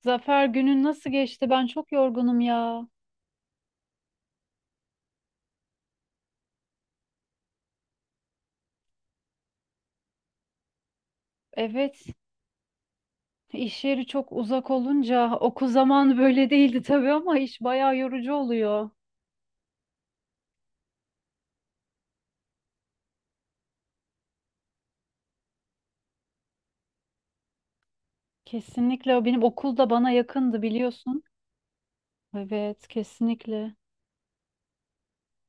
Zafer, günün nasıl geçti? Ben çok yorgunum ya. Evet, iş yeri çok uzak olunca okul zamanı böyle değildi tabii ama iş bayağı yorucu oluyor. Kesinlikle, benim okul da bana yakındı biliyorsun. Evet, kesinlikle.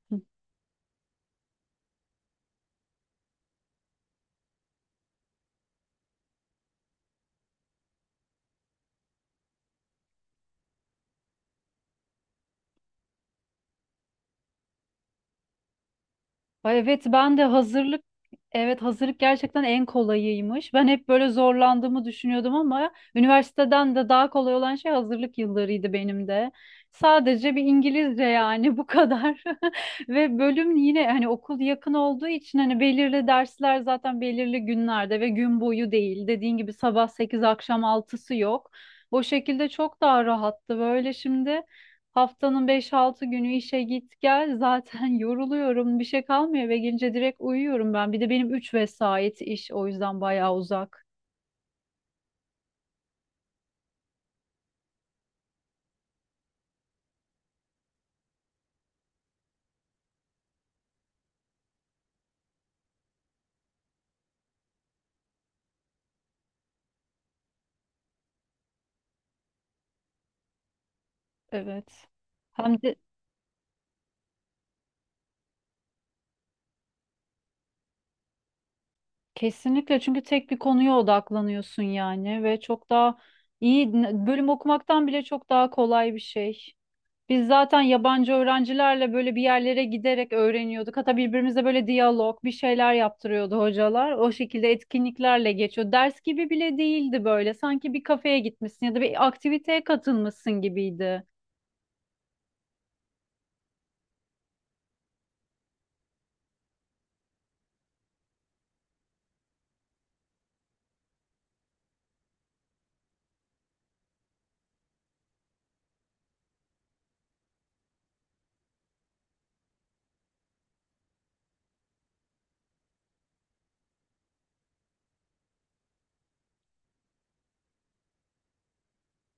Hı. Ay, evet ben de hazırlık, evet hazırlık gerçekten en kolayıymış. Ben hep böyle zorlandığımı düşünüyordum ama üniversiteden de daha kolay olan şey hazırlık yıllarıydı benim de. Sadece bir İngilizce, yani bu kadar. Ve bölüm yine, hani okul yakın olduğu için, hani belirli dersler zaten belirli günlerde ve gün boyu değil. Dediğin gibi sabah 8 akşam altısı yok. O şekilde çok daha rahattı böyle şimdi. Haftanın beş altı günü işe git gel zaten, yoruluyorum, bir şey kalmıyor, eve gelince direkt uyuyorum ben, bir de benim 3 vesait iş, o yüzden bayağı uzak. Evet, hem de kesinlikle, çünkü tek bir konuya odaklanıyorsun yani ve çok daha iyi, bölüm okumaktan bile çok daha kolay bir şey. Biz zaten yabancı öğrencilerle böyle bir yerlere giderek öğreniyorduk. Hatta birbirimize böyle diyalog, bir şeyler yaptırıyordu hocalar. O şekilde etkinliklerle geçiyor. Ders gibi bile değildi böyle. Sanki bir kafeye gitmişsin ya da bir aktiviteye katılmışsın gibiydi.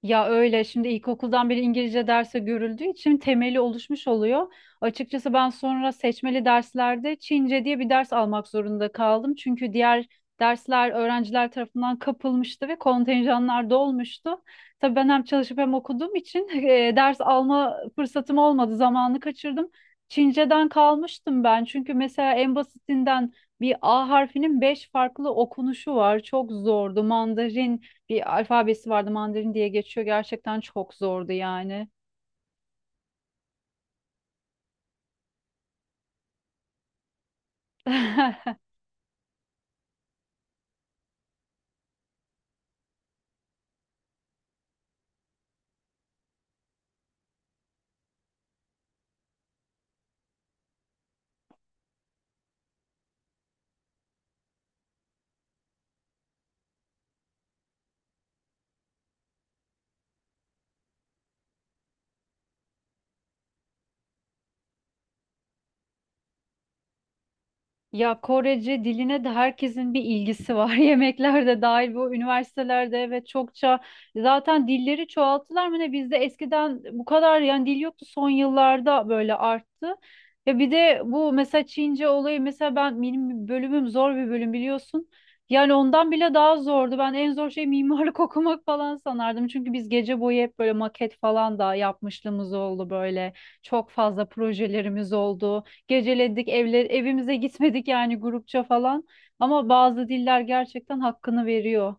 Ya öyle, şimdi ilkokuldan beri İngilizce derse görüldüğü için temeli oluşmuş oluyor. Açıkçası ben sonra seçmeli derslerde Çince diye bir ders almak zorunda kaldım. Çünkü diğer dersler öğrenciler tarafından kapılmıştı ve kontenjanlar dolmuştu. Tabii ben hem çalışıp hem okuduğum için ders alma fırsatım olmadı, zamanı kaçırdım. Çince'den kalmıştım ben. Çünkü mesela en basitinden bir A harfinin beş farklı okunuşu var. Çok zordu. Mandarin, bir alfabesi vardı, Mandarin diye geçiyor. Gerçekten çok zordu yani. Ya Korece diline de herkesin bir ilgisi var. Yemekler de dahil bu üniversitelerde, evet çokça zaten dilleri çoğalttılar mı ne, bizde eskiden bu kadar yani dil yoktu, son yıllarda böyle arttı. Ya bir de bu mesela Çince olayı, mesela ben, benim bölümüm zor bir bölüm biliyorsun. Yani ondan bile daha zordu. Ben en zor şey mimarlık okumak falan sanardım. Çünkü biz gece boyu hep böyle maket falan da yapmışlığımız oldu böyle. Çok fazla projelerimiz oldu. Geceledik, evimize gitmedik yani grupça falan. Ama bazı diller gerçekten hakkını veriyor.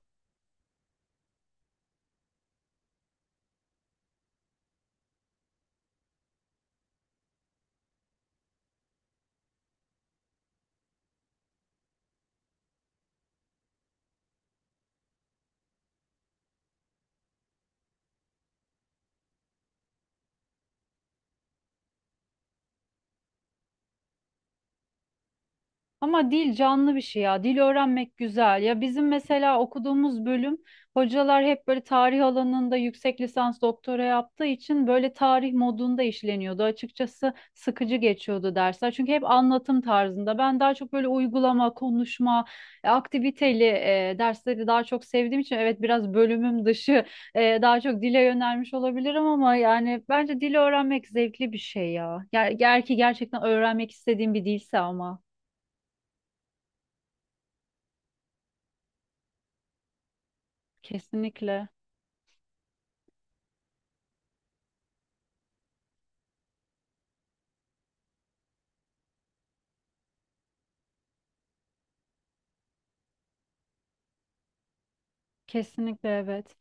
Ama dil canlı bir şey ya. Dil öğrenmek güzel. Ya bizim mesela okuduğumuz bölüm, hocalar hep böyle tarih alanında yüksek lisans doktora yaptığı için böyle tarih modunda işleniyordu. Açıkçası sıkıcı geçiyordu dersler. Çünkü hep anlatım tarzında. Ben daha çok böyle uygulama, konuşma, aktiviteli dersleri daha çok sevdiğim için, evet biraz bölümüm dışı daha çok dile yönelmiş olabilirim ama yani bence dil öğrenmek zevkli bir şey ya. Eğer ki gerçekten öğrenmek istediğim bir dilse ama. Kesinlikle. Kesinlikle evet.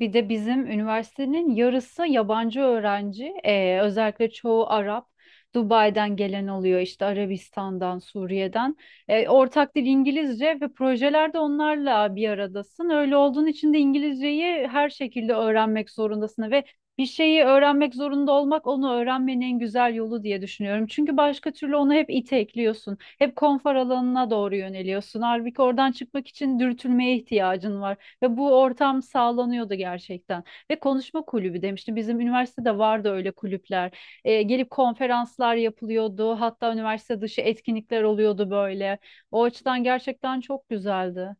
Bir de bizim üniversitenin yarısı yabancı öğrenci. Özellikle çoğu Arap. Dubai'den gelen oluyor, işte Arabistan'dan, Suriye'den. Ortak dil İngilizce ve projelerde onlarla bir aradasın. Öyle olduğun için de İngilizceyi her şekilde öğrenmek zorundasın ve bir şeyi öğrenmek zorunda olmak, onu öğrenmenin en güzel yolu diye düşünüyorum. Çünkü başka türlü onu hep itekliyorsun. Hep konfor alanına doğru yöneliyorsun. Halbuki oradan çıkmak için dürtülmeye ihtiyacın var. Ve bu ortam sağlanıyordu gerçekten. Ve konuşma kulübü demiştim. Bizim üniversitede vardı öyle kulüpler. Gelip konferanslar yapılıyordu. Hatta üniversite dışı etkinlikler oluyordu böyle. O açıdan gerçekten çok güzeldi.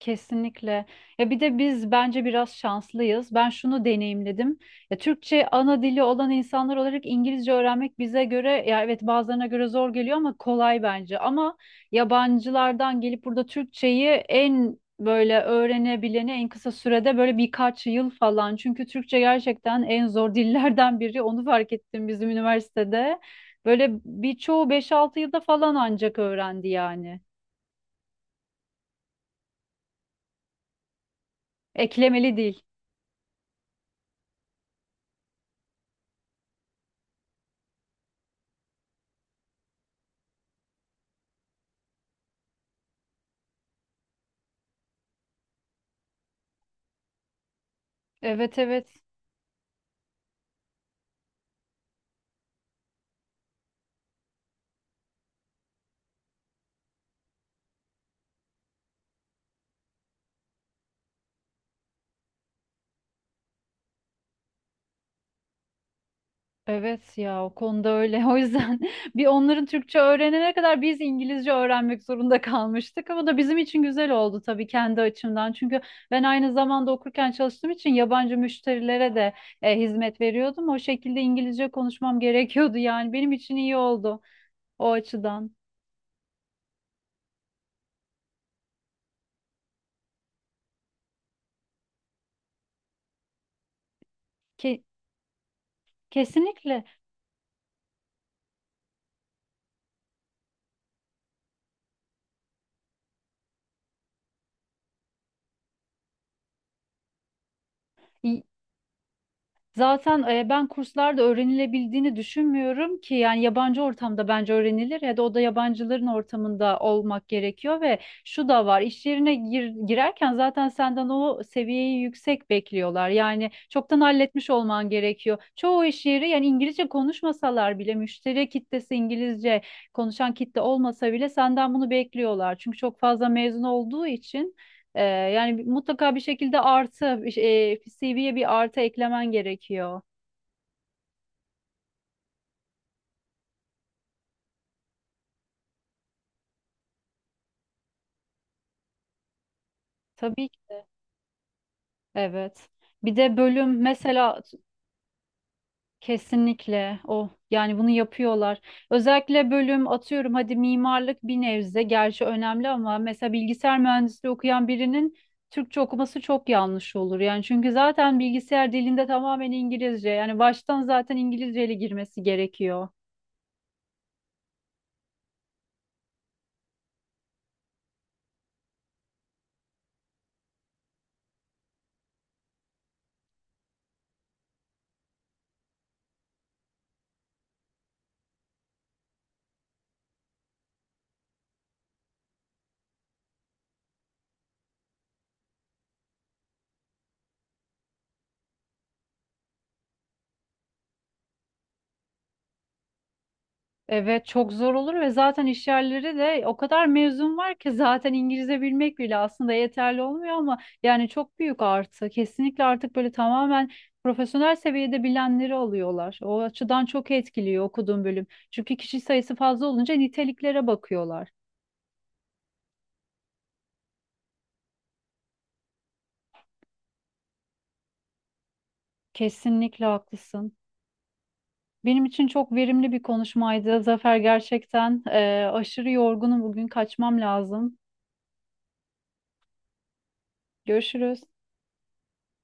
Kesinlikle. Ya bir de biz bence biraz şanslıyız. Ben şunu deneyimledim. Ya Türkçe ana dili olan insanlar olarak İngilizce öğrenmek bize göre, ya evet bazılarına göre zor geliyor ama kolay bence. Ama yabancılardan gelip burada Türkçeyi en böyle öğrenebileni en kısa sürede böyle birkaç yıl falan. Çünkü Türkçe gerçekten en zor dillerden biri. Onu fark ettim bizim üniversitede. Böyle birçoğu beş altı yılda falan ancak öğrendi yani. Eklemeli dil. Evet, evet. Evet ya, o konuda öyle. O yüzden bir, onların Türkçe öğrenene kadar biz İngilizce öğrenmek zorunda kalmıştık. Ama da bizim için güzel oldu tabii, kendi açımdan. Çünkü ben aynı zamanda okurken çalıştığım için yabancı müşterilere de hizmet veriyordum. O şekilde İngilizce konuşmam gerekiyordu yani. Benim için iyi oldu o açıdan. Ke- kesinlikle. Zaten ben kurslarda öğrenilebildiğini düşünmüyorum ki, yani yabancı ortamda bence öğrenilir ya da o da yabancıların ortamında olmak gerekiyor ve şu da var, iş yerine girerken zaten senden o seviyeyi yüksek bekliyorlar, yani çoktan halletmiş olman gerekiyor. Çoğu iş yeri yani İngilizce konuşmasalar bile, müşteri kitlesi İngilizce konuşan kitle olmasa bile senden bunu bekliyorlar, çünkü çok fazla mezun olduğu için. Yani mutlaka bir şekilde artı, CV'ye bir artı eklemen gerekiyor. Tabii ki. Evet. Bir de bölüm mesela kesinlikle o, yani bunu yapıyorlar. Özellikle bölüm, atıyorum hadi mimarlık bir nebze gerçi önemli ama mesela bilgisayar mühendisliği okuyan birinin Türkçe okuması çok yanlış olur. Yani çünkü zaten bilgisayar dilinde tamamen İngilizce. Yani baştan zaten İngilizceyle girmesi gerekiyor. Evet çok zor olur ve zaten iş yerleri de o kadar mezun var ki zaten İngilizce bilmek bile aslında yeterli olmuyor ama yani çok büyük artı. Kesinlikle artık böyle tamamen profesyonel seviyede bilenleri alıyorlar. O açıdan çok etkiliyor okuduğum bölüm. Çünkü kişi sayısı fazla olunca niteliklere bakıyorlar. Kesinlikle haklısın. Benim için çok verimli bir konuşmaydı. Zafer gerçekten aşırı yorgunum, bugün kaçmam lazım. Görüşürüz.